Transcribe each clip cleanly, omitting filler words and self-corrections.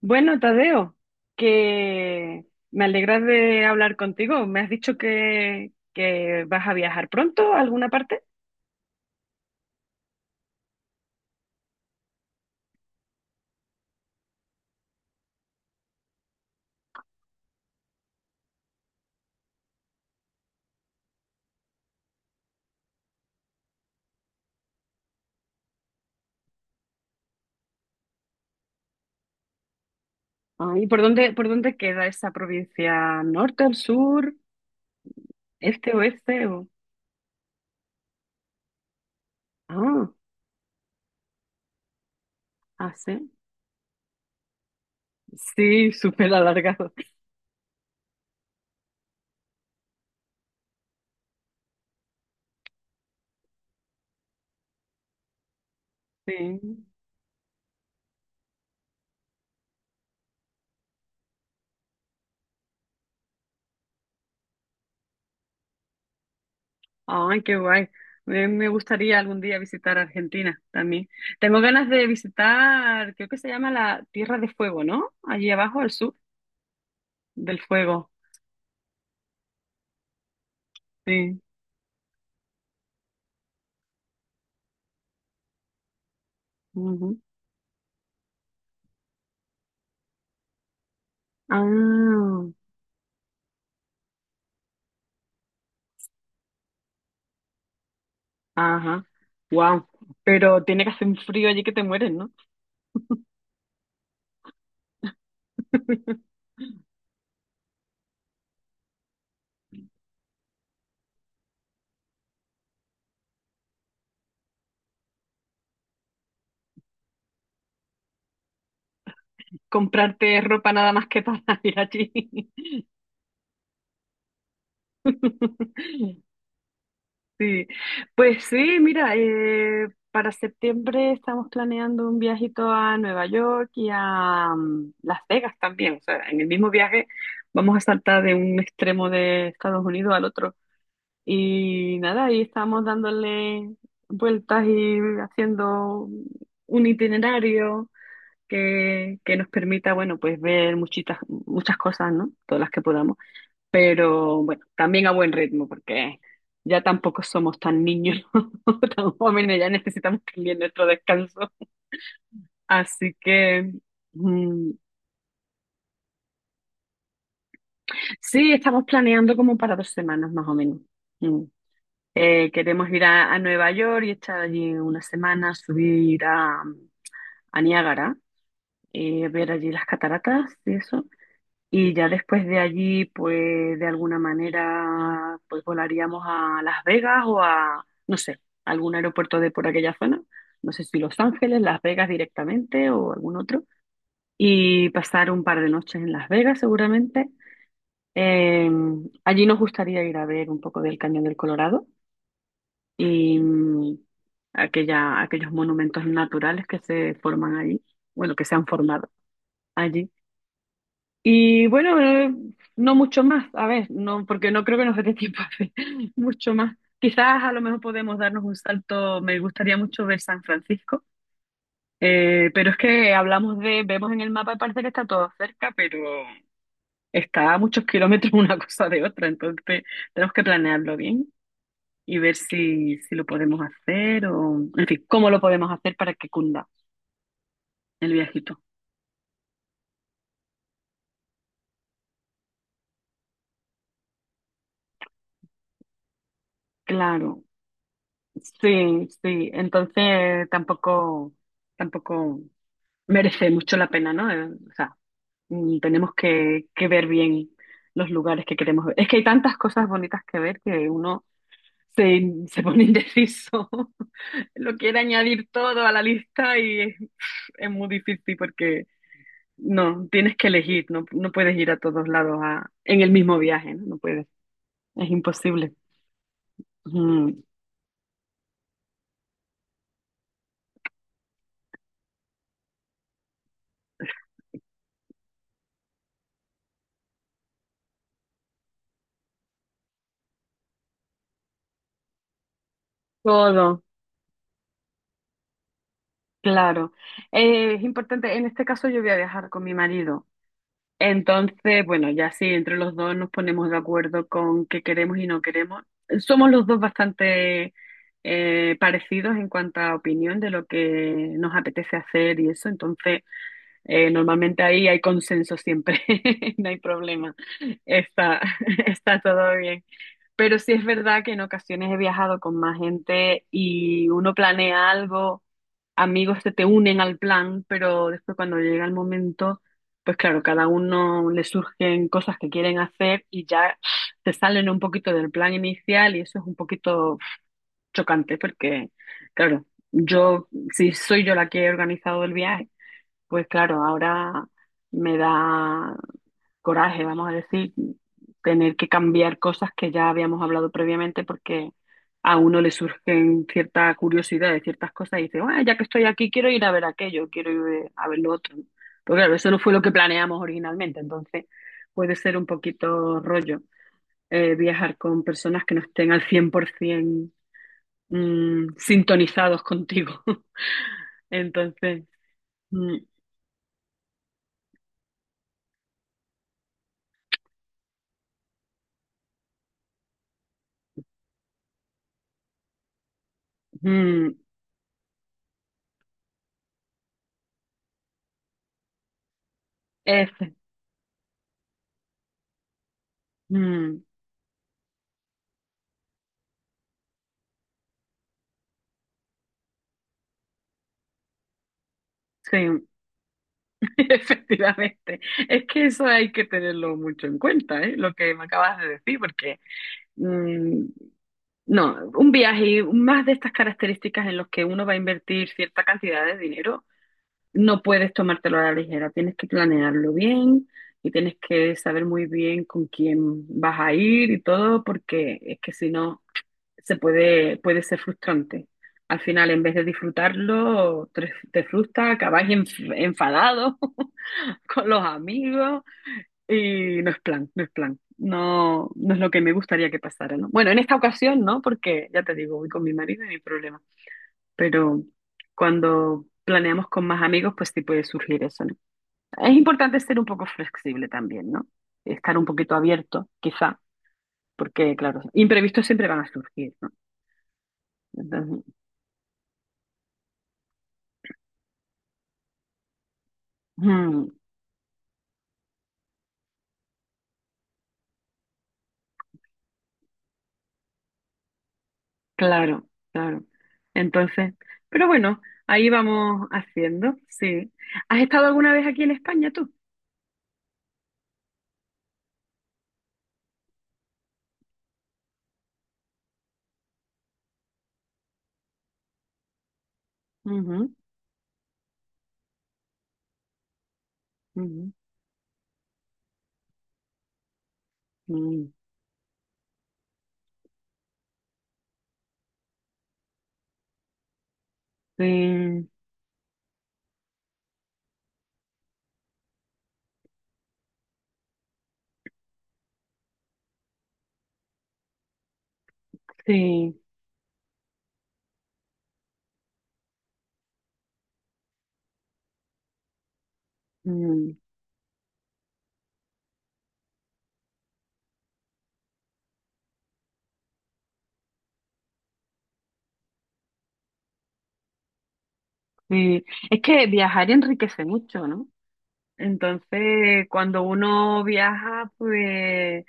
Bueno, Tadeo, que me alegra de hablar contigo. ¿Me has dicho que vas a viajar pronto a alguna parte? Ah, ¿y por dónde queda esa provincia? ¿Norte, al sur, este, oeste? O... Ah, ah, sí. Sí, súper alargado. Sí. Ay, qué guay. Me gustaría algún día visitar Argentina también. Tengo ganas de visitar, creo que se llama la Tierra de Fuego, ¿no? Allí abajo, al sur del fuego. Sí. Ujú. Ah, ajá. Wow. Pero tiene que hacer un frío allí que te mueres, ¿no? Comprarte ropa nada más que para ir allí. Sí. Pues sí, mira, para septiembre estamos planeando un viajito a Nueva York y a Las Vegas también. O sea, en el mismo viaje vamos a saltar de un extremo de Estados Unidos al otro. Y nada, ahí estamos dándole vueltas y haciendo un itinerario que nos permita, bueno, pues ver muchitas, muchas cosas, ¿no? Todas las que podamos. Pero bueno, también a buen ritmo, porque ya tampoco somos tan niños, tan jóvenes, ya necesitamos también nuestro descanso. Así que mm, sí, estamos planeando como para 2 semanas más o menos. Mm. Queremos ir a Nueva York y estar allí 1 semana, subir a Niágara, ver allí las cataratas y eso. Y ya después de allí, pues de alguna manera, pues volaríamos a Las Vegas o a, no sé, algún aeropuerto de por aquella zona. No sé si Los Ángeles, Las Vegas directamente o algún otro. Y pasar un par de noches en Las Vegas seguramente. Eh, Allí nos gustaría ir a ver un poco del Cañón del Colorado y aquella, aquellos monumentos naturales que se forman allí, bueno, que se han formado allí. Y bueno, no mucho más, a ver, no, porque no creo que nos dé tiempo a hacer mucho más. Quizás a lo mejor podemos darnos un salto, me gustaría mucho ver San Francisco, pero es que hablamos de, vemos en el mapa y parece que está todo cerca, pero está a muchos kilómetros una cosa de otra, entonces tenemos que planearlo bien. Y ver si, si lo podemos hacer o, en fin, cómo lo podemos hacer para que cunda el viajito. Claro, sí, sí. Entonces tampoco merece mucho la pena, ¿no? O sea, tenemos que ver bien los lugares que queremos ver. Es que hay tantas cosas bonitas que ver que uno se, se pone indeciso. Lo quiere añadir todo a la lista y es muy difícil porque no, tienes que elegir, no puedes ir a todos lados a- en el mismo viaje, ¿no? No puedes, es imposible. Mm, Todo, claro. Es importante, en este caso yo voy a viajar con mi marido. Entonces, bueno, ya sí, entre los dos nos ponemos de acuerdo con qué queremos y no queremos. Somos los dos bastante parecidos en cuanto a opinión de lo que nos apetece hacer y eso, entonces normalmente ahí hay consenso siempre, no hay problema, está, está todo bien. Pero sí es verdad que en ocasiones he viajado con más gente y uno planea algo, amigos se te unen al plan, pero después cuando llega el momento, pues claro, cada uno le surgen cosas que quieren hacer y ya se salen un poquito del plan inicial y eso es un poquito chocante porque, claro, yo, si soy yo la que he organizado el viaje, pues claro, ahora me da coraje, vamos a decir, tener que cambiar cosas que ya habíamos hablado previamente porque a uno le surgen cierta curiosidad de ciertas cosas y dice, bueno, ya que estoy aquí quiero ir a ver aquello, quiero ir a ver lo otro. Pero claro, eso no fue lo que planeamos originalmente, entonces puede ser un poquito rollo viajar con personas que no estén al 100% sintonizados contigo. Entonces... mm, mm, es Mm, sí, efectivamente. Es que eso hay que tenerlo mucho en cuenta, ¿eh? Lo que me acabas de decir, porque mm, no, un viaje y más de estas características en los que uno va a invertir cierta cantidad de dinero, no puedes tomártelo a la ligera. Tienes que planearlo bien y tienes que saber muy bien con quién vas a ir y todo, porque es que si no puede ser frustrante. Al final, en vez de disfrutarlo, te frustra, acabas enfadado con los amigos y no es plan, no es plan. No, no es lo que me gustaría que pasara, ¿no? Bueno, en esta ocasión no, porque ya te digo, voy con mi marido y mi problema. Pero cuando planeamos con más amigos, pues sí puede surgir eso, ¿no? Es importante ser un poco flexible también, ¿no? Estar un poquito abierto, quizá, porque, claro, imprevistos siempre van a surgir, ¿no? Entonces, mm, claro, claro. Entonces, pero bueno, ahí vamos haciendo, sí. ¿Has estado alguna vez aquí en España tú? Ujú, ujú, mm. Sí, sí, mm, sí. Es que viajar enriquece mucho, ¿no? Entonces, cuando uno viaja, pues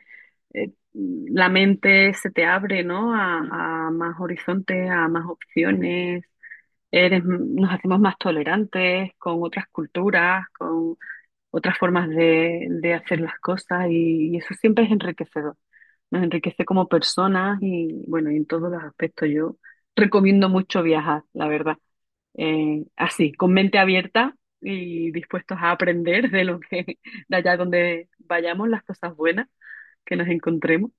la mente se te abre, ¿no? A más horizontes, a más opciones. Eres, nos hacemos más tolerantes con otras culturas, con otras formas de hacer las cosas y eso siempre es enriquecedor. Nos enriquece como personas y bueno, y en todos los aspectos yo recomiendo mucho viajar, la verdad. Así, con mente abierta y dispuestos a aprender de lo que, de allá donde vayamos, las cosas buenas que nos encontremos,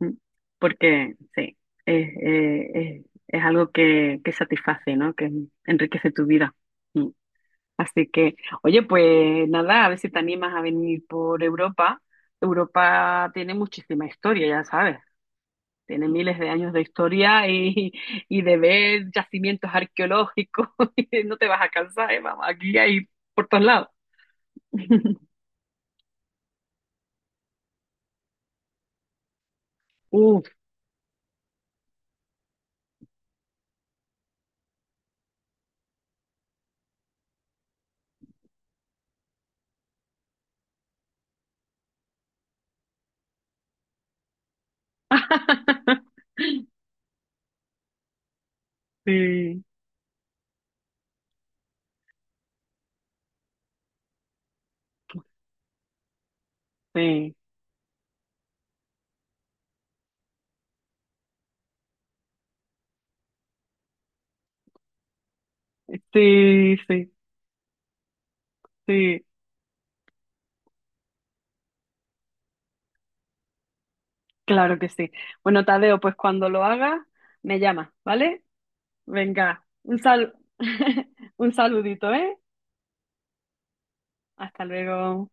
¿m? Porque sí, es algo que satisface, ¿no? Que enriquece tu vida. Así que, oye, pues nada, a ver si te animas a venir por Europa. Europa tiene muchísima historia, ya sabes. Tiene miles de años de historia y, y de ver yacimientos arqueológicos. y no te vas a cansar, ¿eh? Vamos, aquí hay por todos lados. Uf. Sí, sí, sí, sí, sí, claro que sí. Bueno, Tadeo, pues cuando lo hagas, me llamas, ¿vale? Venga, un sal... un saludito, ¿eh? Hasta luego.